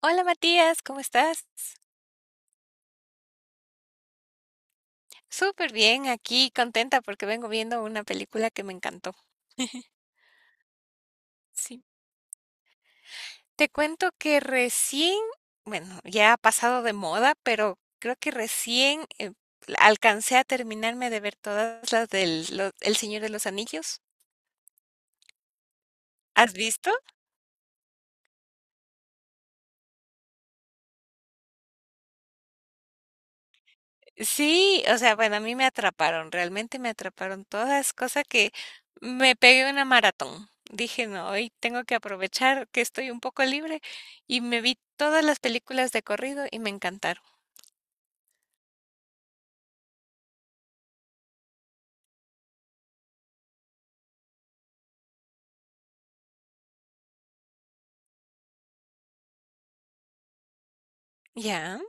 Hola Matías, ¿cómo estás? Súper bien, aquí contenta porque vengo viendo una película que me encantó. Sí. Te cuento que recién, bueno, ya ha pasado de moda, pero creo que recién alcancé a terminarme de ver todas las El Señor de los Anillos. ¿Has visto? Sí, o sea, bueno, a mí me atraparon, realmente me atraparon todas, cosa que me pegué una maratón. Dije, no, hoy tengo que aprovechar que estoy un poco libre y me vi todas las películas de corrido y me encantaron. Ya,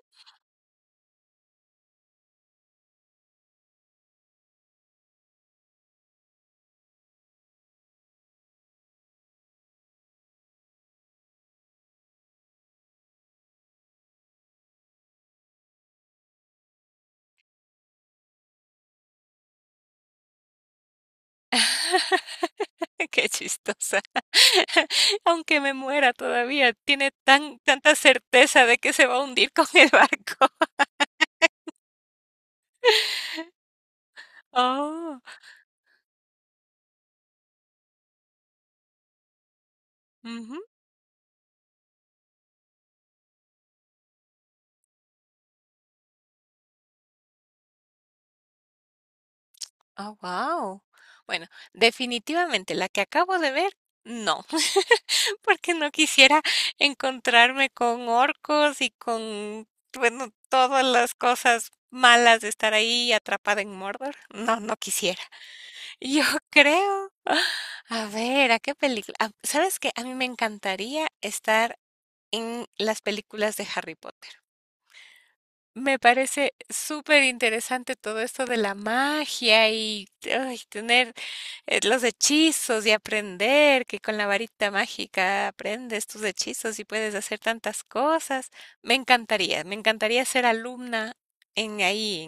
qué chistosa. Aunque me muera todavía, tiene tanta certeza de que se va a hundir con el barco. Oh, ujú. Oh, wow. Bueno, definitivamente la que acabo de ver, no, porque no quisiera encontrarme con orcos y con, bueno, todas las cosas malas de estar ahí atrapada en Mordor. No, no quisiera. Yo creo, a ver, ¿a qué película? Ah, ¿sabes qué? A mí me encantaría estar en las películas de Harry Potter. Me parece súper interesante todo esto de la magia y ay, tener los hechizos y aprender que con la varita mágica aprendes tus hechizos y puedes hacer tantas cosas. Me encantaría ser alumna en ahí,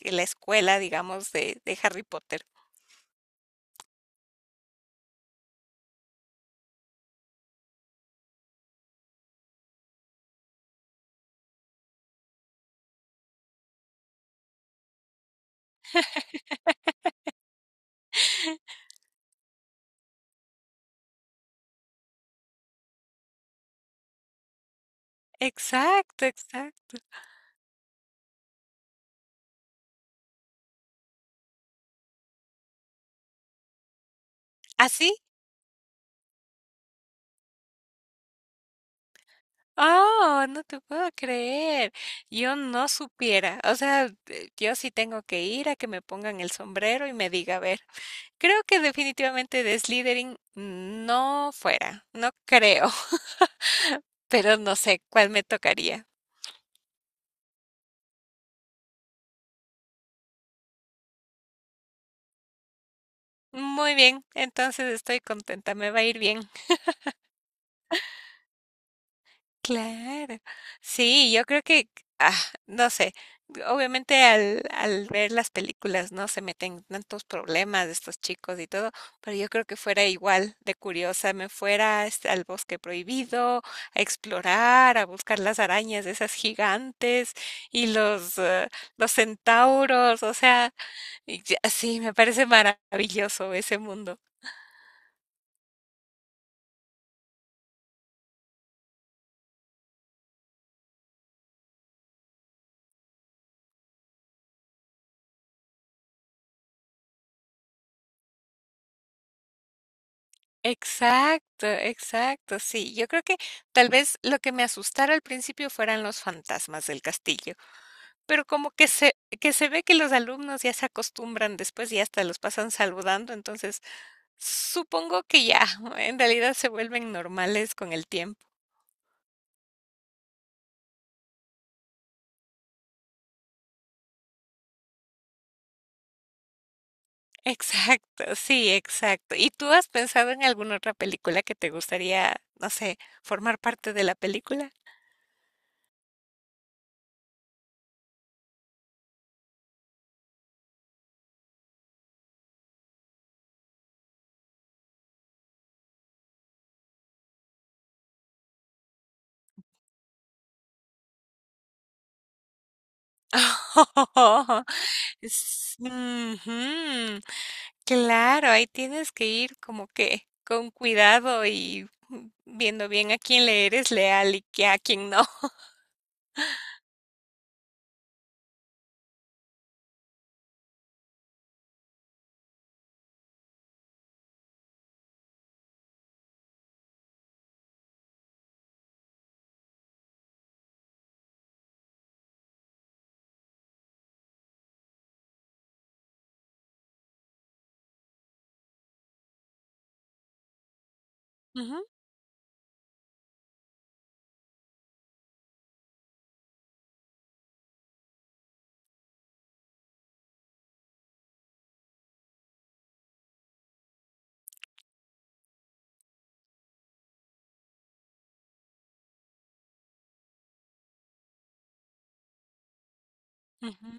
en la escuela, digamos, de Harry Potter. Exacto, exacto. ¿Así? Oh, no te puedo creer. Yo no supiera. O sea, yo sí tengo que ir a que me pongan el sombrero y me diga, a ver, creo que definitivamente de Slytherin no fuera, no creo, pero no sé cuál me tocaría. Muy bien, entonces estoy contenta, me va a ir bien. Claro, sí, yo creo que, ah, no sé, obviamente al ver las películas, ¿no? Se meten tantos problemas de estos chicos y todo, pero yo creo que fuera igual de curiosa, me fuera este, al bosque prohibido, a explorar, a buscar las arañas de esas gigantes y los centauros, o sea, y ya- sí, me parece maravilloso ese mundo. Exacto, exacto, sí. Yo creo que tal vez lo que me asustara al principio fueran los fantasmas del castillo, pero como que se ve que los alumnos ya se acostumbran después y hasta los pasan saludando, entonces supongo que ya, en realidad se vuelven normales con el tiempo. Exacto, sí, exacto. ¿Y tú has pensado en alguna otra película que te gustaría, no sé, formar parte de la película? Oh, ujú. Claro, ahí tienes que ir como que con cuidado y viendo bien a quién le eres leal y que a quién no. Ujú, ujú.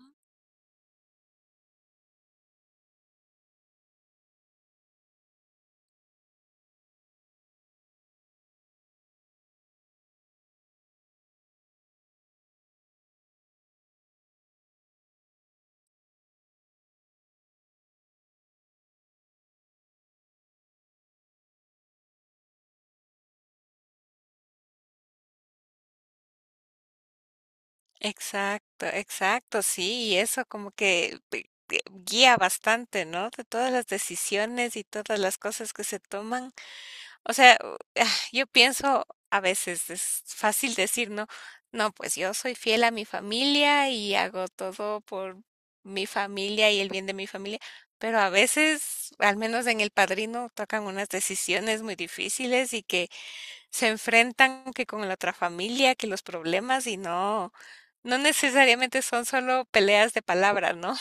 Exacto, exacto, sí, y eso como que guía bastante, ¿no? De todas las decisiones y todas las cosas que se toman. O sea, u- ah, yo pienso, a veces es fácil decir, ¿no? No, pues yo soy fiel a mi familia y hago todo por mi familia y el bien de mi familia, pero a veces, al menos en El Padrino, tocan unas decisiones muy difíciles y que se enfrentan que con la otra familia, que los problemas y no, no necesariamente son solo peleas de palabra, ¿no?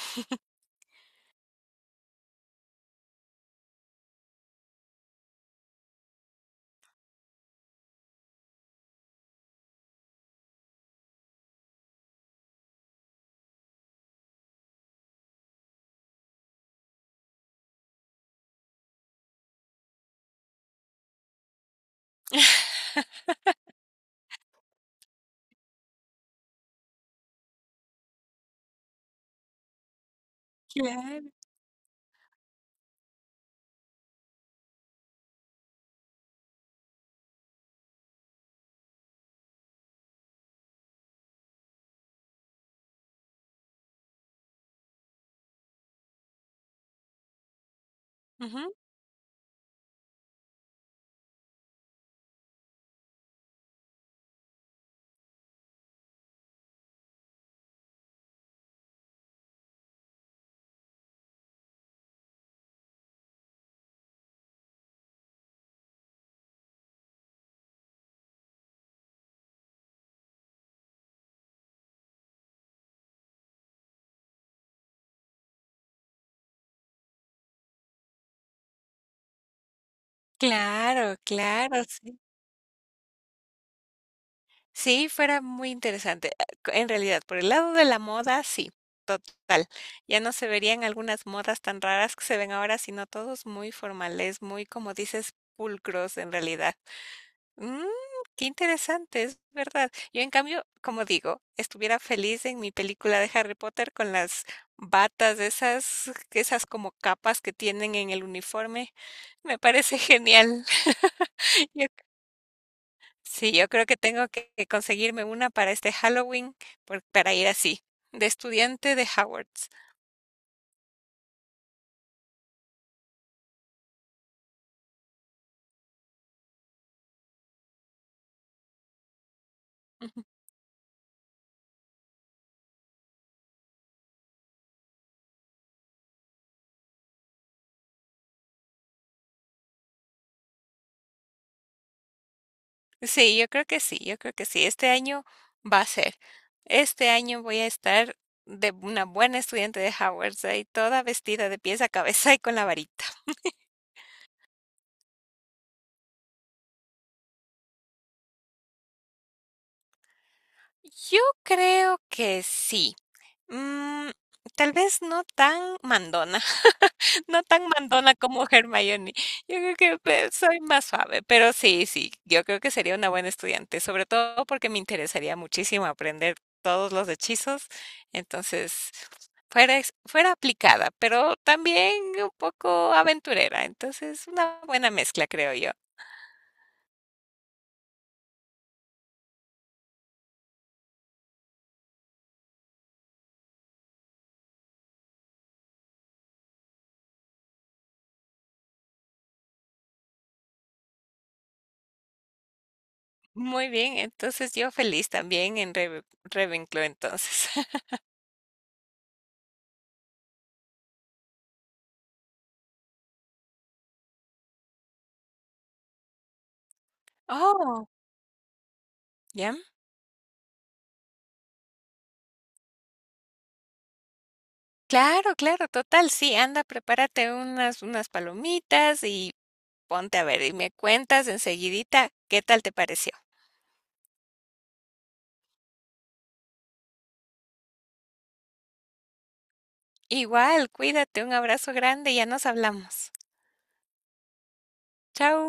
Claro, ujú, claro, claro, sí, fuera muy interesante. Ah, c- En realidad, por el lado de la moda, sí, total. Ya no se verían algunas modas tan raras que se ven ahora, sino todos muy formales, muy, como dices, pulcros en realidad. Mm, qué interesante, es verdad. Yo, en cambio, como digo, estuviera feliz en mi película de Harry Potter con las batas, esas, esas como capas que tienen en el uniforme. Me parece genial. Yo sí, yo creo que tengo que conseguirme una para este Halloween, para ir así, de estudiante de Howard's. Ujú. Sí, yo creo que sí, yo creo que sí. Este año va a ser. Este año voy a estar de una buena estudiante de Howard's, ahí toda vestida de pies a cabeza y con la varita. Yo creo que sí. Mm, tal vez no tan mandona. No tan mandona como Hermione. Yo creo que pues, soy más suave, pero sí, sí, yo creo que sería una buena estudiante, sobre todo porque me interesaría muchísimo aprender todos los hechizos. Entonces, fuera, fuera aplicada, pero también un poco aventurera. Entonces, una buena mezcla, creo yo. Muy bien, entonces yo feliz también en Ravenclaw, entonces. Oh, ya. Claro, claro, total, sí, anda, prepárate unas, unas palomitas y ponte a ver y me cuentas enseguidita qué tal te pareció. Igual, cuídate, un abrazo grande y ya nos hablamos. Chao.